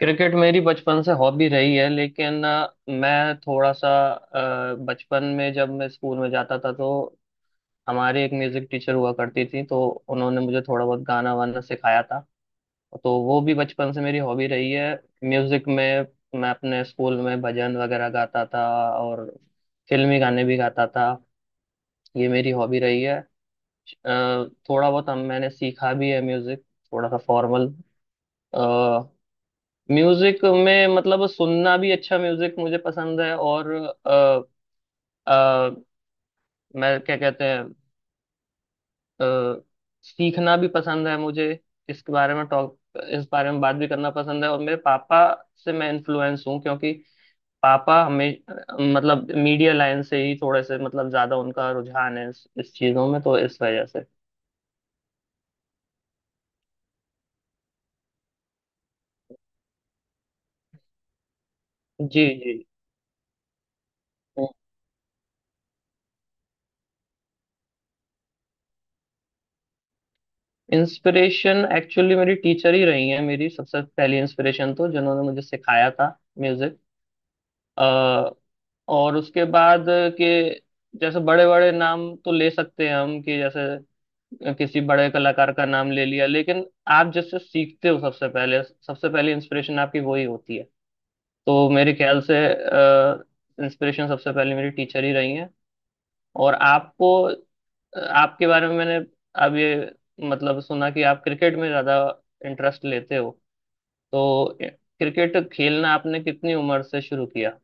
Cricket मेरी बचपन से हॉबी रही है। लेकिन मैं थोड़ा सा बचपन में जब मैं स्कूल में जाता था तो हमारे एक म्यूजिक टीचर हुआ करती थी, तो उन्होंने मुझे थोड़ा बहुत गाना वाना सिखाया था। तो वो भी बचपन से मेरी हॉबी रही है, म्यूजिक में। मैं अपने स्कूल में भजन वगैरह गाता था और फिल्मी गाने भी गाता था। ये मेरी हॉबी रही है। थोड़ा बहुत हम मैंने सीखा भी है म्यूजिक, थोड़ा सा फॉर्मल। म्यूजिक में मतलब सुनना भी, अच्छा म्यूजिक मुझे पसंद है। और अ, अ, मैं क्या कहते हैं, अ, सीखना भी पसंद है मुझे। इसके बारे में टॉक, इस बारे में बात भी करना पसंद है। और मेरे पापा से मैं इन्फ्लुएंस हूँ, क्योंकि पापा हमें मतलब मीडिया लाइन से ही, थोड़े से मतलब ज्यादा उनका रुझान है इस चीजों में, तो इस वजह से। जी जी। इंस्पिरेशन एक्चुअली मेरी टीचर ही रही है, मेरी सबसे पहली इंस्पिरेशन, तो जिन्होंने मुझे सिखाया था म्यूजिक। अ, और उसके बाद के जैसे बड़े बड़े नाम तो ले सकते हैं हम, कि जैसे किसी बड़े कलाकार का नाम ले लिया, लेकिन आप जिससे सीखते हो सबसे पहले, सबसे पहली इंस्पिरेशन आपकी वही होती है। तो मेरे ख्याल से इंस्पिरेशन सबसे पहले मेरी टीचर ही रही हैं। और आपको, आपके बारे में मैंने अब ये मतलब सुना कि आप क्रिकेट में ज़्यादा इंटरेस्ट लेते हो, तो क्रिकेट खेलना आपने कितनी उम्र से शुरू किया?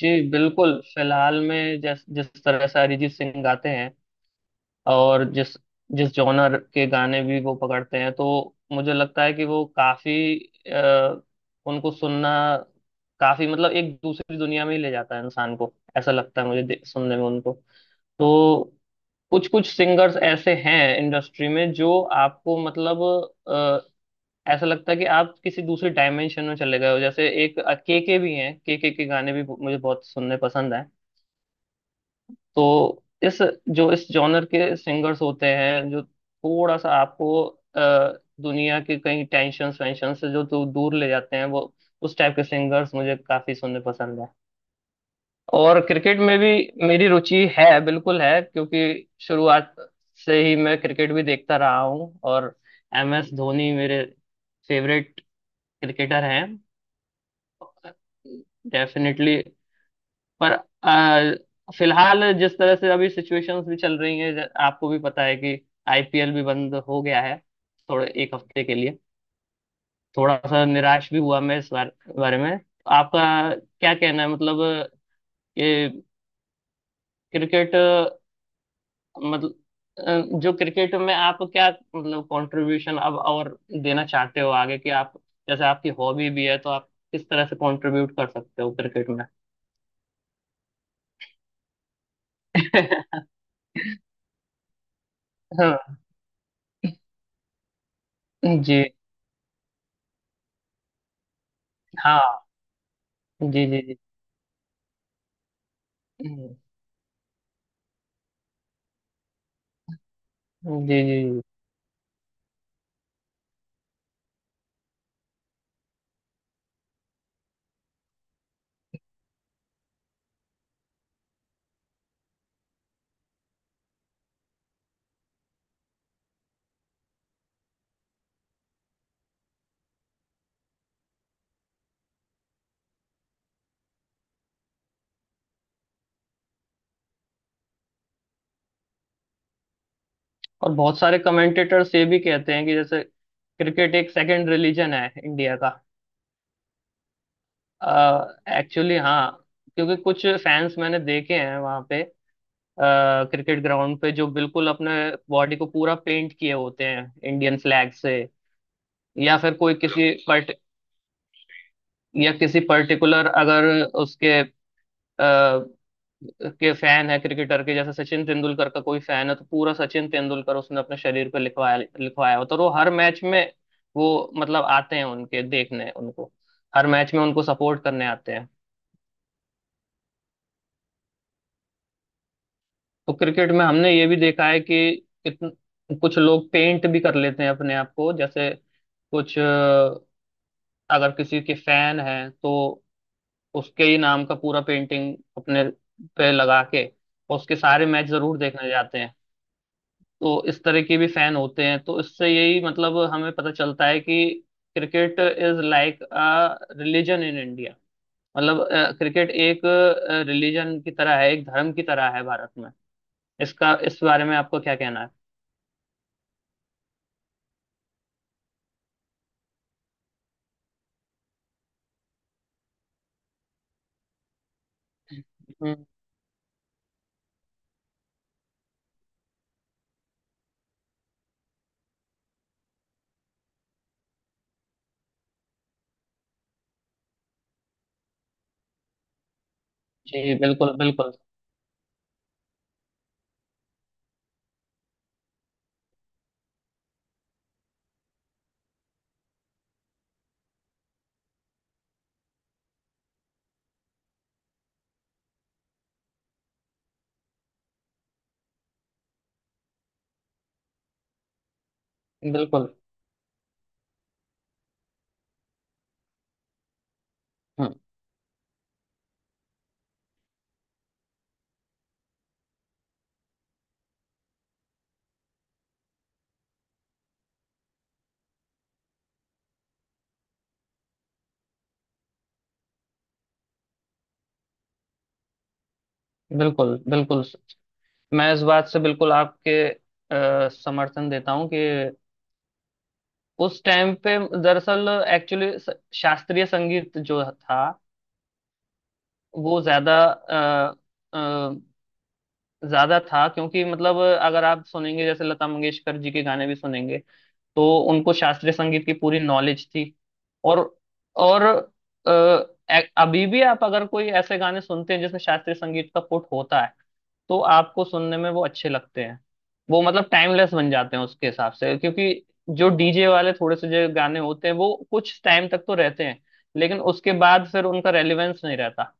जी बिल्कुल। फिलहाल में जिस जिस तरह से अरिजीत सिंह गाते हैं, और जिस जिस जॉनर के गाने भी वो पकड़ते हैं, तो मुझे लगता है कि वो काफी अ, उनको सुनना काफी मतलब एक दूसरी दुनिया में ही ले जाता है इंसान को, ऐसा लगता है मुझे सुनने में उनको। तो कुछ कुछ सिंगर्स ऐसे हैं इंडस्ट्री में जो आपको मतलब अ, ऐसा लगता है कि आप किसी दूसरी डायमेंशन में चले गए हो। जैसे एक केके भी हैं, केके के गाने भी मुझे बहुत सुनने पसंद हैं। तो इस जो इस जॉनर के सिंगर्स होते हैं, जो थोड़ा सा आपको दुनिया के कई टेंशन वेंशन से जो तो दूर ले जाते हैं, वो उस टाइप के सिंगर्स मुझे काफी सुनने पसंद है। और क्रिकेट में भी मेरी रुचि है, बिल्कुल है, क्योंकि शुरुआत से ही मैं क्रिकेट भी देखता रहा हूँ। और एम एस धोनी मेरे फेवरेट क्रिकेटर हैं, डेफिनेटली। पर फिलहाल जिस तरह से अभी सिचुएशंस भी चल रही हैं, आपको भी पता है कि आईपीएल भी बंद हो गया है, थोड़े एक हफ्ते के लिए। थोड़ा सा निराश भी हुआ मैं इस बार। बारे में आपका क्या कहना है? मतलब ये क्रिकेट मतलब जो क्रिकेट में आप क्या मतलब कंट्रीब्यूशन अब और देना चाहते हो आगे, कि आप जैसे आपकी हॉबी भी है, तो आप किस तरह से कंट्रीब्यूट कर सकते हो क्रिकेट में? जी। हाँ। जी जी। जी जी। जी जी। और बहुत सारे कमेंटेटर्स ये भी कहते हैं कि जैसे क्रिकेट एक सेकंड रिलीजन है इंडिया का, एक्चुअली। हाँ, क्योंकि कुछ फैंस मैंने देखे हैं वहाँ पे, क्रिकेट ग्राउंड पे, जो बिल्कुल अपने बॉडी को पूरा पेंट किए होते हैं इंडियन फ्लैग से। या फिर कोई किसी पर्ट या किसी पर्टिकुलर, अगर उसके के फैन है क्रिकेटर के, जैसे सचिन तेंदुलकर का कोई फैन है तो पूरा सचिन तेंदुलकर उसने अपने शरीर पे लिखवाया लिखवाया होता है। और वो हर मैच में, वो मतलब आते हैं उनके देखने, उनको हर मैच में उनको सपोर्ट करने आते हैं। तो क्रिकेट में हमने ये भी देखा है कि कितन, कुछ लोग पेंट भी कर लेते हैं अपने आप को। जैसे कुछ अगर किसी के फैन है तो उसके ही नाम का पूरा पेंटिंग अपने पे लगा के उसके सारे मैच जरूर देखने जाते हैं। तो इस तरह के भी फैन होते हैं, तो इससे यही मतलब हमें पता चलता है कि cricket is like a religion in India. मतलब क्रिकेट एक रिलीजन की तरह है, एक धर्म की तरह है भारत में। इसका इस बारे में आपको क्या कहना है? हम्म। जी बिल्कुल बिल्कुल बिल्कुल। हम्म। बिल्कुल बिल्कुल। मैं इस बात से बिल्कुल आपके समर्थन देता हूँ कि उस टाइम पे दरअसल, एक्चुअली, शास्त्रीय संगीत जो था वो ज्यादा अ, ज्यादा था। क्योंकि मतलब अगर आप सुनेंगे, जैसे लता मंगेशकर जी के गाने भी सुनेंगे, तो उनको शास्त्रीय संगीत की पूरी नॉलेज थी। और और अभी भी आप अगर कोई ऐसे गाने सुनते हैं जिसमें शास्त्रीय संगीत का पुट होता है, तो आपको सुनने में वो अच्छे लगते हैं। वो मतलब टाइमलेस बन जाते हैं उसके हिसाब से। क्योंकि जो डीजे वाले थोड़े से जो गाने होते हैं, वो कुछ टाइम तक तो रहते हैं, लेकिन उसके बाद फिर उनका रेलेवेंस नहीं रहता।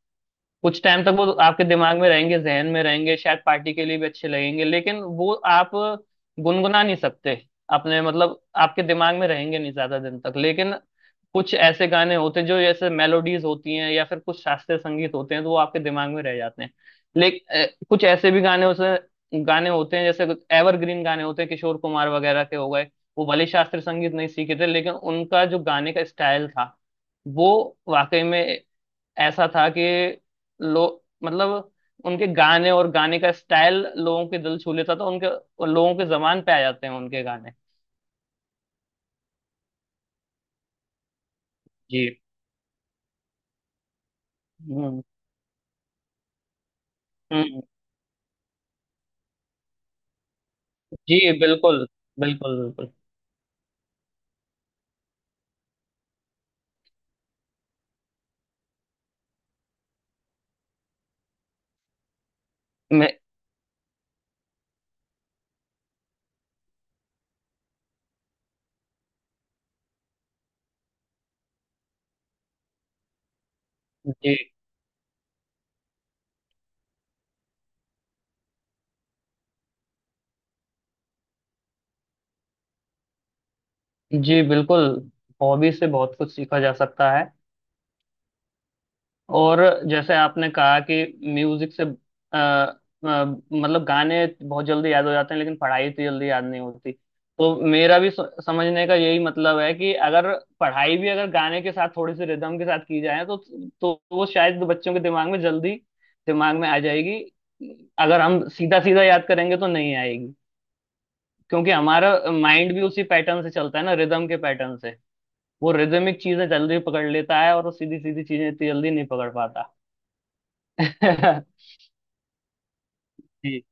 कुछ टाइम तक वो आपके दिमाग में रहेंगे, जहन में रहेंगे, शायद पार्टी के लिए भी अच्छे लगेंगे, लेकिन वो आप गुनगुना नहीं सकते अपने, मतलब आपके दिमाग में रहेंगे नहीं ज्यादा दिन तक। लेकिन कुछ ऐसे गाने होते हैं जो जैसे मेलोडीज होती हैं या फिर कुछ शास्त्रीय संगीत होते हैं, तो वो आपके दिमाग में रह जाते हैं। लेकिन कुछ ऐसे भी गाने होते हैं, जैसे एवरग्रीन गाने होते हैं, किशोर कुमार वगैरह के हो गए। वो भले शास्त्रीय संगीत नहीं सीखे थे, लेकिन उनका जो गाने का स्टाइल था वो वाकई में ऐसा था कि लो, मतलब उनके गाने और गाने का स्टाइल लोगों के दिल छू लेता था उनके, लोगों के जबान पे आ जाते हैं उनके गाने। जी। हम्म। हम्म। जी बिल्कुल बिल्कुल बिल्कुल। मैं, जी जी बिल्कुल। हॉबी से बहुत कुछ सीखा जा सकता है। और जैसे आपने कहा कि म्यूजिक से मतलब गाने बहुत जल्दी याद हो जाते हैं, लेकिन पढ़ाई तो जल्दी याद नहीं होती। तो मेरा भी समझने का यही मतलब है कि अगर पढ़ाई भी अगर गाने के साथ थोड़ी सी रिदम के साथ की जाए तो वो शायद बच्चों के दिमाग में जल्दी दिमाग में आ जाएगी। अगर हम सीधा सीधा याद करेंगे तो नहीं आएगी, क्योंकि हमारा माइंड भी उसी पैटर्न से चलता है ना, रिदम के पैटर्न से। वो रिदमिक चीजें जल्दी पकड़ लेता है, और वो सीधी सीधी चीजें इतनी जल्दी नहीं पकड़ पाता। जी।